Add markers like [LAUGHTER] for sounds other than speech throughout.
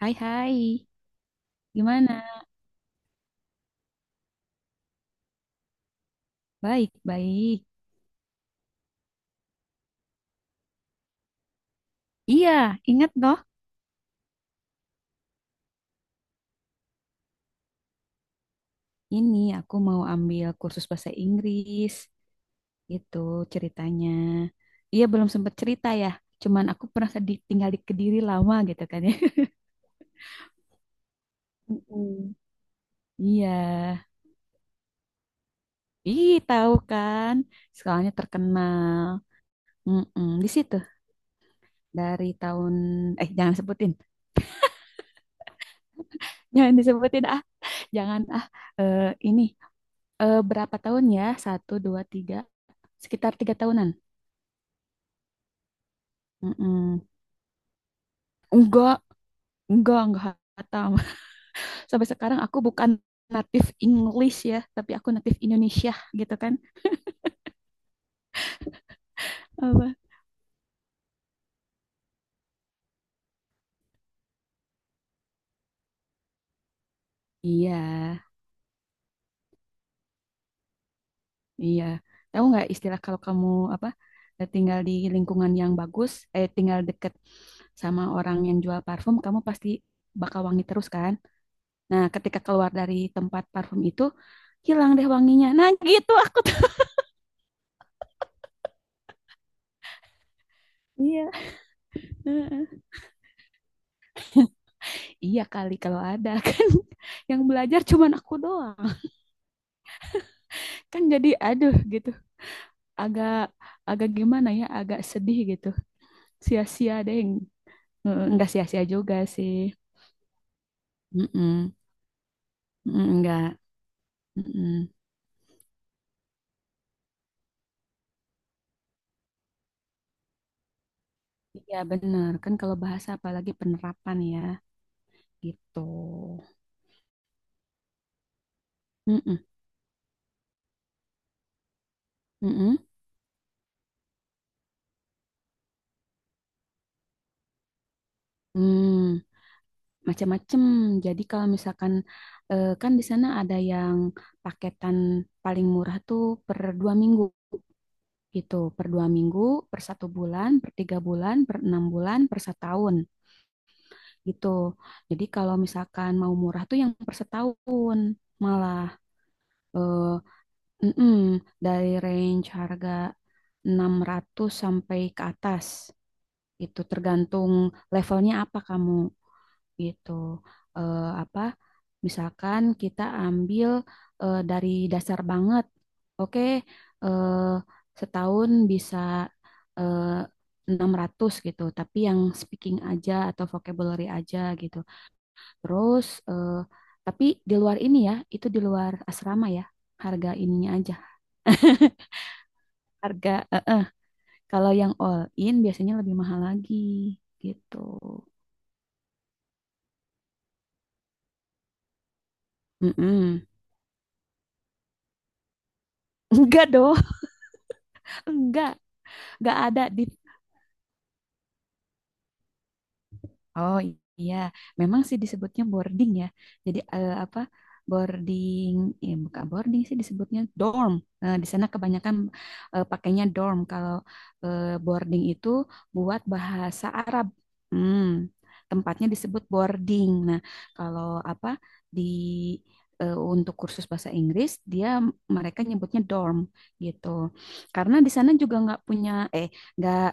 Hai hai, gimana? Baik, baik. Iya, ingat toh, ini aku mau ambil kursus bahasa Inggris, gitu ceritanya. Iya, belum sempat cerita ya, cuman aku pernah tinggal di Kediri lama gitu kan ya. [LAUGHS] Mm-mm. Iya, ih tahu kan, sekolahnya terkenal. Mm-mm. Di situ dari tahun, eh jangan sebutin, [LAUGHS] jangan disebutin ah, jangan ah. Eh, ini, berapa tahun ya? Satu, dua, tiga, sekitar 3 tahunan. Mm-mm. Enggak, enggak hatam. [LAUGHS] Sampai sekarang aku bukan native English ya, tapi aku native Indonesia gitu kan. Apa? Iya, iya. Tahu nggak istilah kalau kamu apa, tinggal di lingkungan yang bagus, tinggal deket sama orang yang jual parfum, kamu pasti bakal wangi terus kan? Nah, ketika keluar dari tempat parfum itu, hilang deh wanginya. Nah, gitu. Ah. Iya. [LAUGHS] Iya kali kalau ada [LAUGHS] kan. Yang belajar cuman aku doang, kan jadi aduh gitu agak agak gimana ya agak sedih gitu, sia-sia deh. Nggak sia-sia juga sih. Mm-mm. Mm-mm, enggak. Mm-mm. Iya bener kan kalau bahasa apalagi penerapan ya, gitu. Mm-mm. Mm-mm. Hmm, macam-macam jadi kalau misalkan, kan di sana ada yang paketan paling murah tuh per 2 minggu gitu, per 2 minggu, per 1 bulan, per 3 bulan, per 6 bulan, per setahun gitu. Jadi kalau misalkan mau murah tuh yang per setahun malah, eh, mm-mm, dari range harga 600 sampai ke atas. Itu tergantung levelnya apa kamu gitu. Apa misalkan kita ambil, dari dasar banget. Oke, eh, setahun bisa, eh, 600 gitu, tapi yang speaking aja atau vocabulary aja gitu. Terus, tapi di luar ini ya, itu di luar asrama ya, harga ininya aja. [LAUGHS] Harga, eh. Kalau yang all in biasanya lebih mahal lagi gitu. Mm-mm. Enggak dong, [LAUGHS] enggak, enggak ada di. Oh iya, memang sih disebutnya boarding ya. Jadi, apa boarding, ya, bukan boarding sih disebutnya dorm. Di sana kebanyakan, pakainya dorm. Kalau, boarding itu buat bahasa Arab. Hmm, tempatnya disebut boarding. Nah, kalau apa di, untuk kursus bahasa Inggris mereka nyebutnya dorm gitu. Karena di sana juga nggak punya eh nggak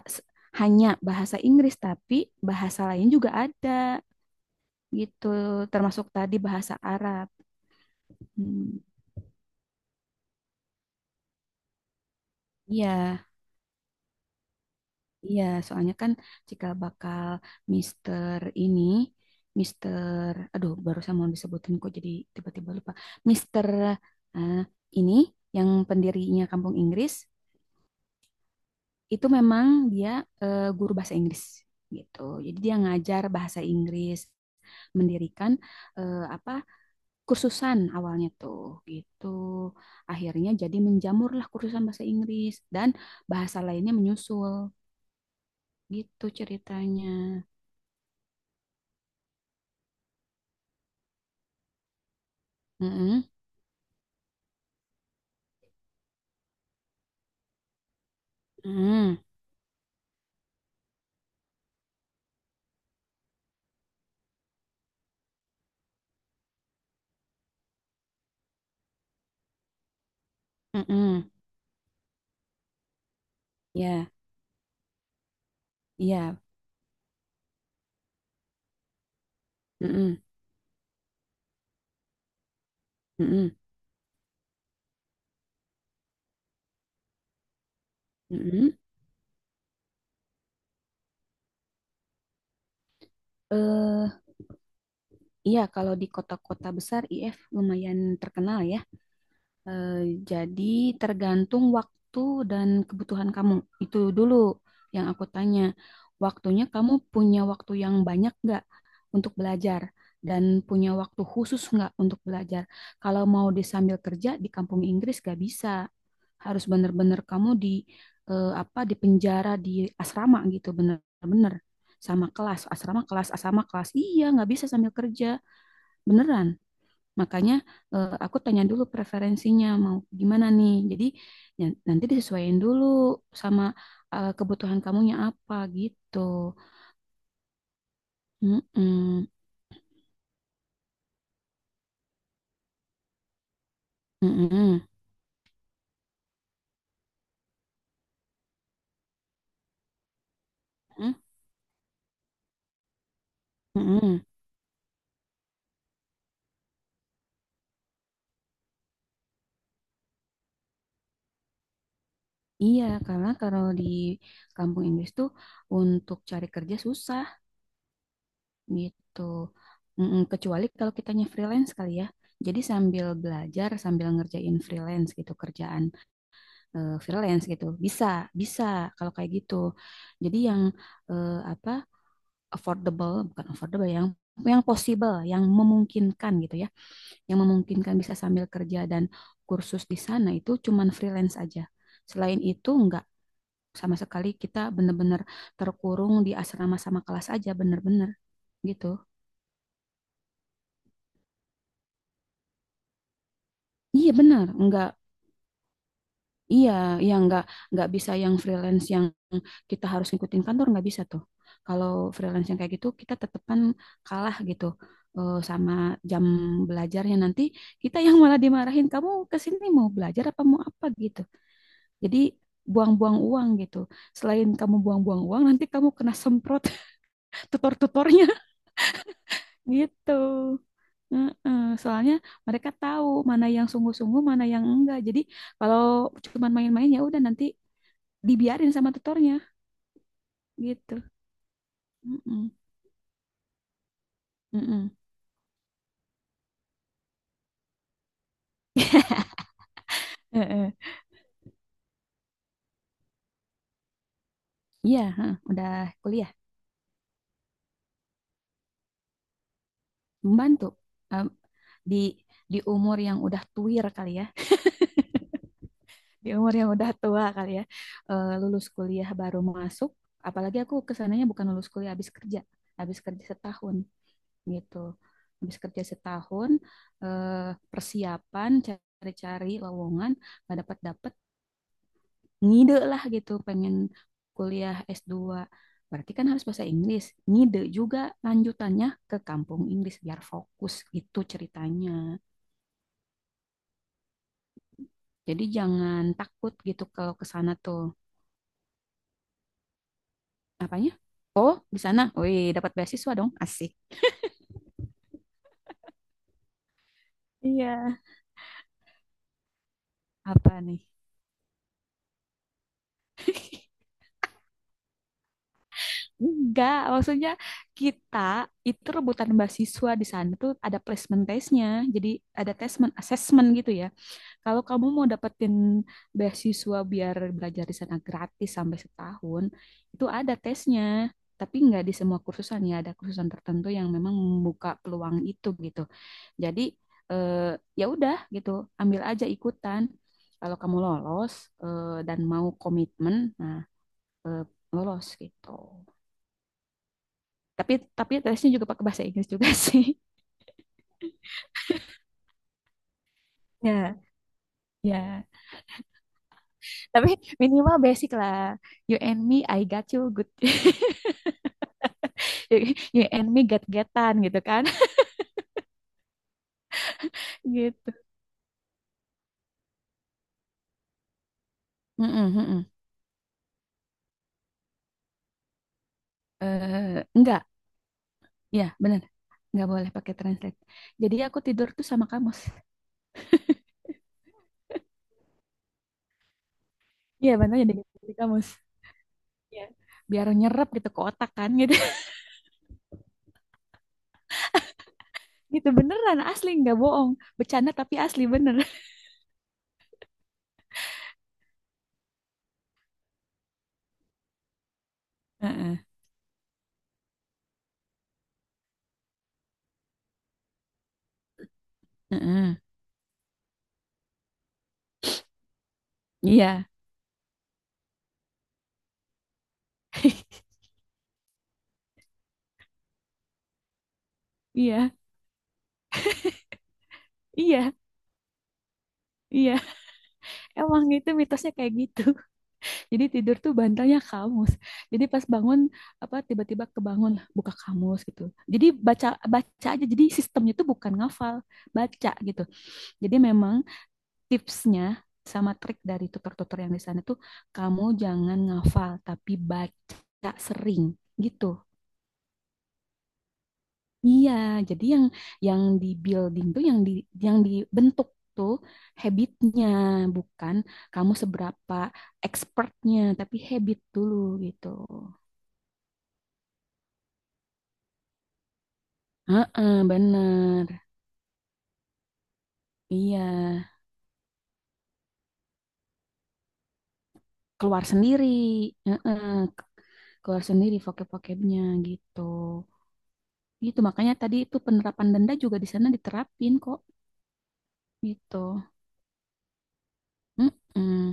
hanya bahasa Inggris, tapi bahasa lain juga ada gitu, termasuk tadi bahasa Arab. Hmm, iya, iya, soalnya kan jika bakal Mister ini, Mister, aduh, barusan mau disebutin kok jadi tiba-tiba lupa. Mister, eh, ini yang pendirinya Kampung Inggris itu memang dia, guru bahasa Inggris gitu, jadi dia ngajar bahasa Inggris mendirikan, apa, kursusan awalnya tuh gitu. Akhirnya jadi menjamurlah kursusan bahasa Inggris dan bahasa lainnya menyusul gitu ceritanya. Mm-mm, mm-mm, mm-mm. Ya, iya. Mm-mm, mm-mm, mm-mm. Eh, iya kalau di kota-kota besar IF lumayan terkenal ya. Eh, jadi tergantung waktu dan kebutuhan kamu. Itu dulu yang aku tanya. Waktunya kamu punya waktu yang banyak nggak untuk belajar dan punya waktu khusus nggak untuk belajar. Kalau mau disambil kerja di kampung Inggris nggak bisa. Harus bener-bener kamu di, apa di penjara di asrama gitu bener-bener, sama kelas asrama kelas asrama kelas. Iya nggak bisa sambil kerja beneran. Makanya, aku tanya dulu preferensinya mau gimana nih. Jadi ya, nanti disesuaikan dulu sama, kebutuhan kamunya apa gitu. Mm-mm. Mm-mm. Mm, mm-mm. Iya, karena kalau di kampung Inggris tuh untuk cari kerja susah gitu. Mm-mm. Kecuali kalau kitanya freelance kali ya. Jadi sambil belajar, sambil ngerjain freelance gitu kerjaan. Freelance gitu. Bisa, bisa kalau kayak gitu. Jadi yang, apa, affordable, bukan affordable yang possible, yang memungkinkan gitu ya. Yang memungkinkan bisa sambil kerja dan kursus di sana itu cuman freelance aja. Selain itu enggak, sama sekali kita bener-bener terkurung di asrama sama kelas aja bener-bener gitu. Iya bener, enggak. Iya, iya, nggak bisa yang freelance yang kita harus ngikutin kantor, nggak bisa tuh. Kalau freelance yang kayak gitu kita tetepan kalah gitu, sama jam belajarnya nanti kita yang malah dimarahin, kamu ke sini mau belajar apa mau apa gitu. Jadi buang-buang uang gitu. Selain kamu buang-buang uang nanti kamu kena semprot [LAUGHS] tutor-tutornya gitu. Heeh. Soalnya mereka tahu mana yang sungguh-sungguh, mana yang enggak. Jadi kalau cuman main-main ya udah nanti dibiarin sama tutornya gitu. Mm-mm, mm-mm. Heeh. Iya, heeh, udah kuliah membantu. Em, di di umur yang udah tuir kali ya, di umur yang udah tua kali ya, lulus kuliah baru masuk. Apalagi aku kesananya bukan lulus kuliah, habis kerja setahun gitu, habis kerja setahun, eh, persiapan cari-cari lowongan nggak dapat dapat ngide lah gitu pengen kuliah S2, berarti kan harus bahasa Inggris, ngide juga lanjutannya ke kampung Inggris biar fokus gitu ceritanya. Jadi jangan takut gitu kalau ke sana tuh apanya, oh di sana wih dapat beasiswa dong asik. Iya. Apa nih? [LAUGHS] Enggak, maksudnya kita itu rebutan beasiswa, di sana tuh ada placement testnya, jadi ada tesmen assessment gitu ya. Kalau kamu mau dapetin beasiswa biar belajar di sana gratis sampai setahun, itu ada tesnya. Tapi nggak di semua kursusan ya, ada kursusan tertentu yang memang membuka peluang itu gitu. Jadi, eh, ya udah gitu, ambil aja ikutan. Kalau kamu lolos, dan mau komitmen, nah, eh, lolos gitu. Tapi tapi tesnya juga pakai bahasa Inggris juga sih. [LAUGHS] Ya, ya. Tapi minimal basic lah. You and me, I got you, good. [LAUGHS] [LAUGHS] you and me get-getan gitu kan. [LAUGHS] Gitu. Mm-mm, mm-mm. Enggak, ya bener, nggak boleh pakai translate, jadi aku tidur tuh sama kamus. [LAUGHS] Iya bener jadi di kamus. Iya, biar nyerap gitu ke otak kan gitu. [LAUGHS] Gitu beneran asli nggak bohong, bercanda tapi asli bener. [LAUGHS] Heeh, heeh, iya. [LAUGHS] Iya, iya, iya, emang itu mitosnya kayak gitu. Jadi tidur tuh bantalnya kamus. Jadi pas bangun apa tiba-tiba kebangun buka kamus gitu. Jadi baca, baca aja. Jadi sistemnya tuh bukan ngafal, baca gitu. Jadi memang tipsnya sama trik dari tutor-tutor yang di sana tuh kamu jangan ngafal tapi baca sering gitu. Iya, jadi yang di building tuh yang dibentuk tuh habitnya bukan kamu seberapa expertnya tapi habit dulu gitu. Heeh, bener. Iya, keluar sendiri. Heeh, keluar sendiri vocab-vocabnya gitu. Gitu, makanya tadi itu penerapan denda juga di sana diterapin kok gitu. Heeh.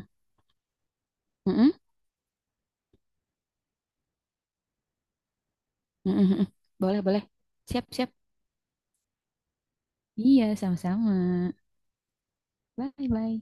Heeh. Heeh. Boleh, boleh. Siap, siap. Iya, sama-sama. Bye, bye.